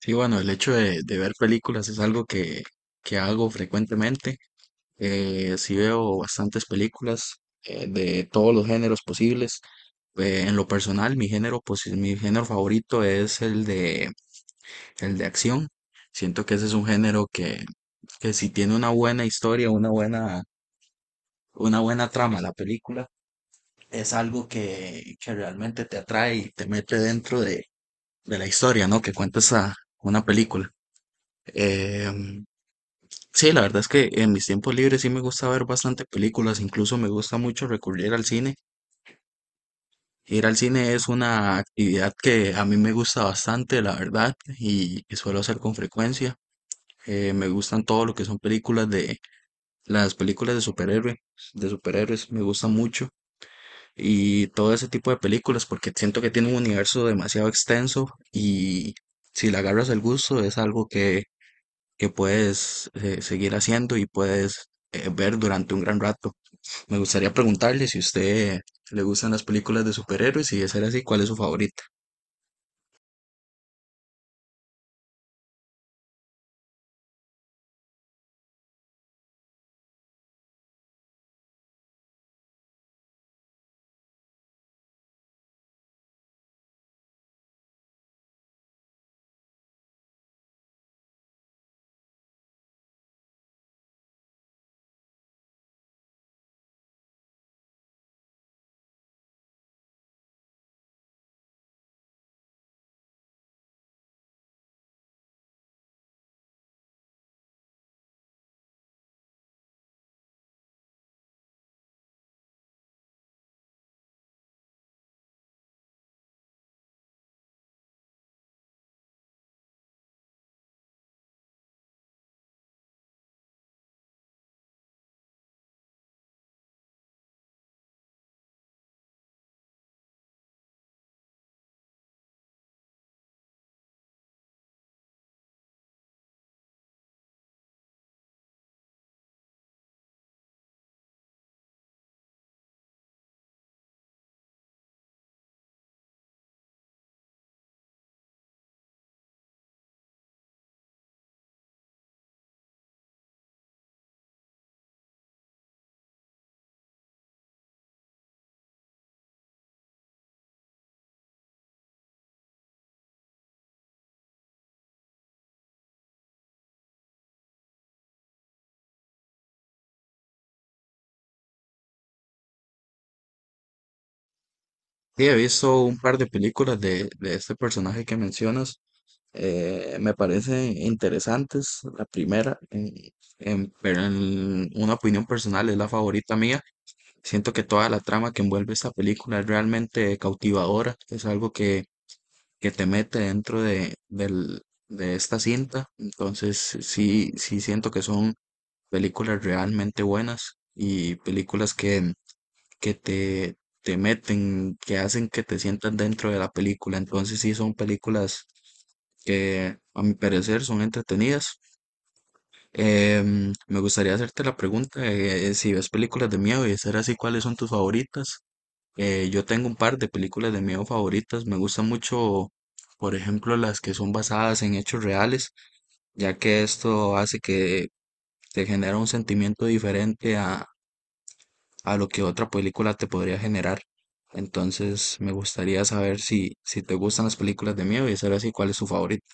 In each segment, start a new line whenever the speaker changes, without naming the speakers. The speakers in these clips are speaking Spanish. Sí, bueno, el hecho de ver películas es algo que hago frecuentemente. Sí veo bastantes películas de todos los géneros posibles. En lo personal, mi género, pues, mi género favorito es el el de acción. Siento que ese es un género que si tiene una buena historia, una buena trama la película, es algo que realmente te atrae y te mete dentro de la historia, ¿no? Que cuenta esa, una película. Em, Sí, la verdad es que en mis tiempos libres sí me gusta ver bastante películas, incluso me gusta mucho recurrir al cine. Ir al cine es una actividad que a mí me gusta bastante, la verdad, y suelo hacer con frecuencia. Me gustan todo lo que son películas de las películas de superhéroes, me gusta mucho y todo ese tipo de películas porque siento que tiene un universo demasiado extenso y si le agarras el gusto es algo que puedes seguir haciendo y puedes ver durante un gran rato. Me gustaría preguntarle si a usted le gustan las películas de superhéroes y de ser así, ¿cuál es su favorita? Sí, he visto un par de películas de este personaje que mencionas. Me parecen interesantes. La primera, pero en una opinión personal, es la favorita mía. Siento que toda la trama que envuelve esta película es realmente cautivadora. Es algo que te mete de esta cinta. Entonces, sí siento que son películas realmente buenas y películas que te, te meten, que hacen que te sientas dentro de la película. Entonces sí son películas que a mi parecer son entretenidas. Me gustaría hacerte la pregunta de si ves películas de miedo y de ser así, ¿cuáles son tus favoritas? Yo tengo un par de películas de miedo favoritas. Me gustan mucho, por ejemplo, las que son basadas en hechos reales, ya que esto hace que te genera un sentimiento diferente a lo que otra película te podría generar. Entonces, me gustaría saber si te gustan las películas de miedo y saber así cuál es su favorito.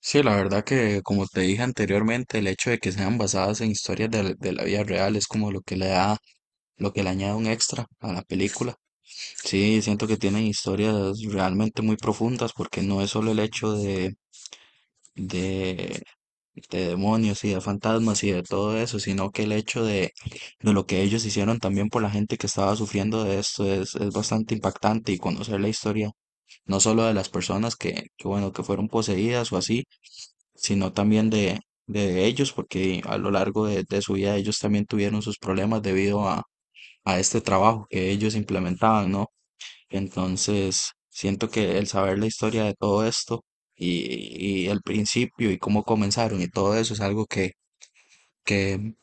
Sí, la verdad que, como te dije anteriormente, el hecho de que sean basadas en historias de la vida real es como lo que le da, lo que le añade un extra a la película. Sí, siento que tienen historias realmente muy profundas porque no es solo el hecho de de demonios y de fantasmas y de todo eso, sino que el hecho de lo que ellos hicieron también por la gente que estaba sufriendo de esto es bastante impactante y conocer la historia, no solo de las personas bueno, que fueron poseídas o así, sino también de ellos, porque a lo largo de su vida ellos también tuvieron sus problemas debido a este trabajo que ellos implementaban, ¿no? Entonces, siento que el saber la historia de todo esto y el principio y cómo comenzaron y todo eso es algo que,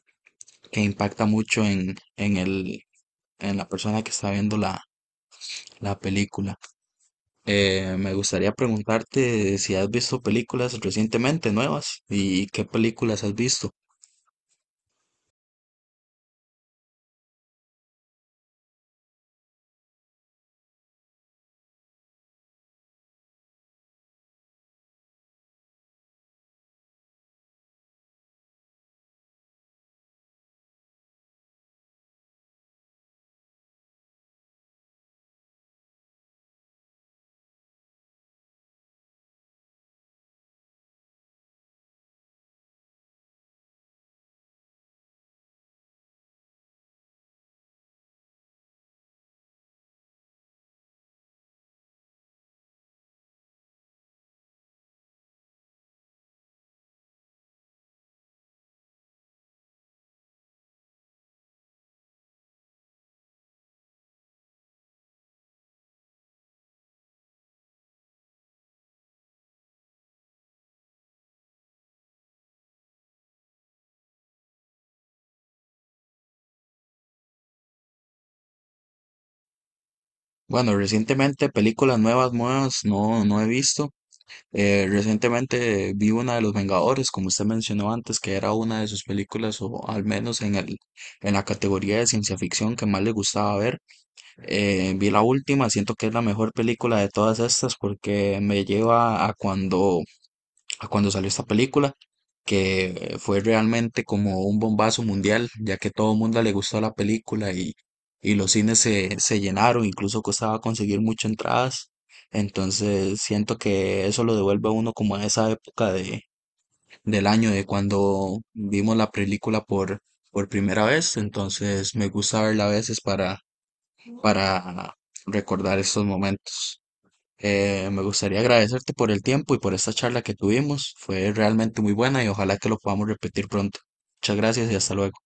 que impacta mucho en la persona que está viendo la película. Me gustaría preguntarte si has visto películas recientemente nuevas y qué películas has visto. Bueno, recientemente películas nuevas, nuevas no he visto. Recientemente vi una de Los Vengadores, como usted mencionó antes, que era una de sus películas, o al menos en en la categoría de ciencia ficción que más le gustaba ver. Vi la última, siento que es la mejor película de todas estas porque me lleva a a cuando salió esta película, que fue realmente como un bombazo mundial, ya que todo el mundo le gustó la película y los cines se llenaron, incluso costaba conseguir muchas entradas. Entonces siento que eso lo devuelve a uno como a esa época de, del año de cuando vimos la película por primera vez. Entonces me gusta verla a veces para recordar estos momentos. Me gustaría agradecerte por el tiempo y por esta charla que tuvimos. Fue realmente muy buena y ojalá que lo podamos repetir pronto. Muchas gracias y hasta luego.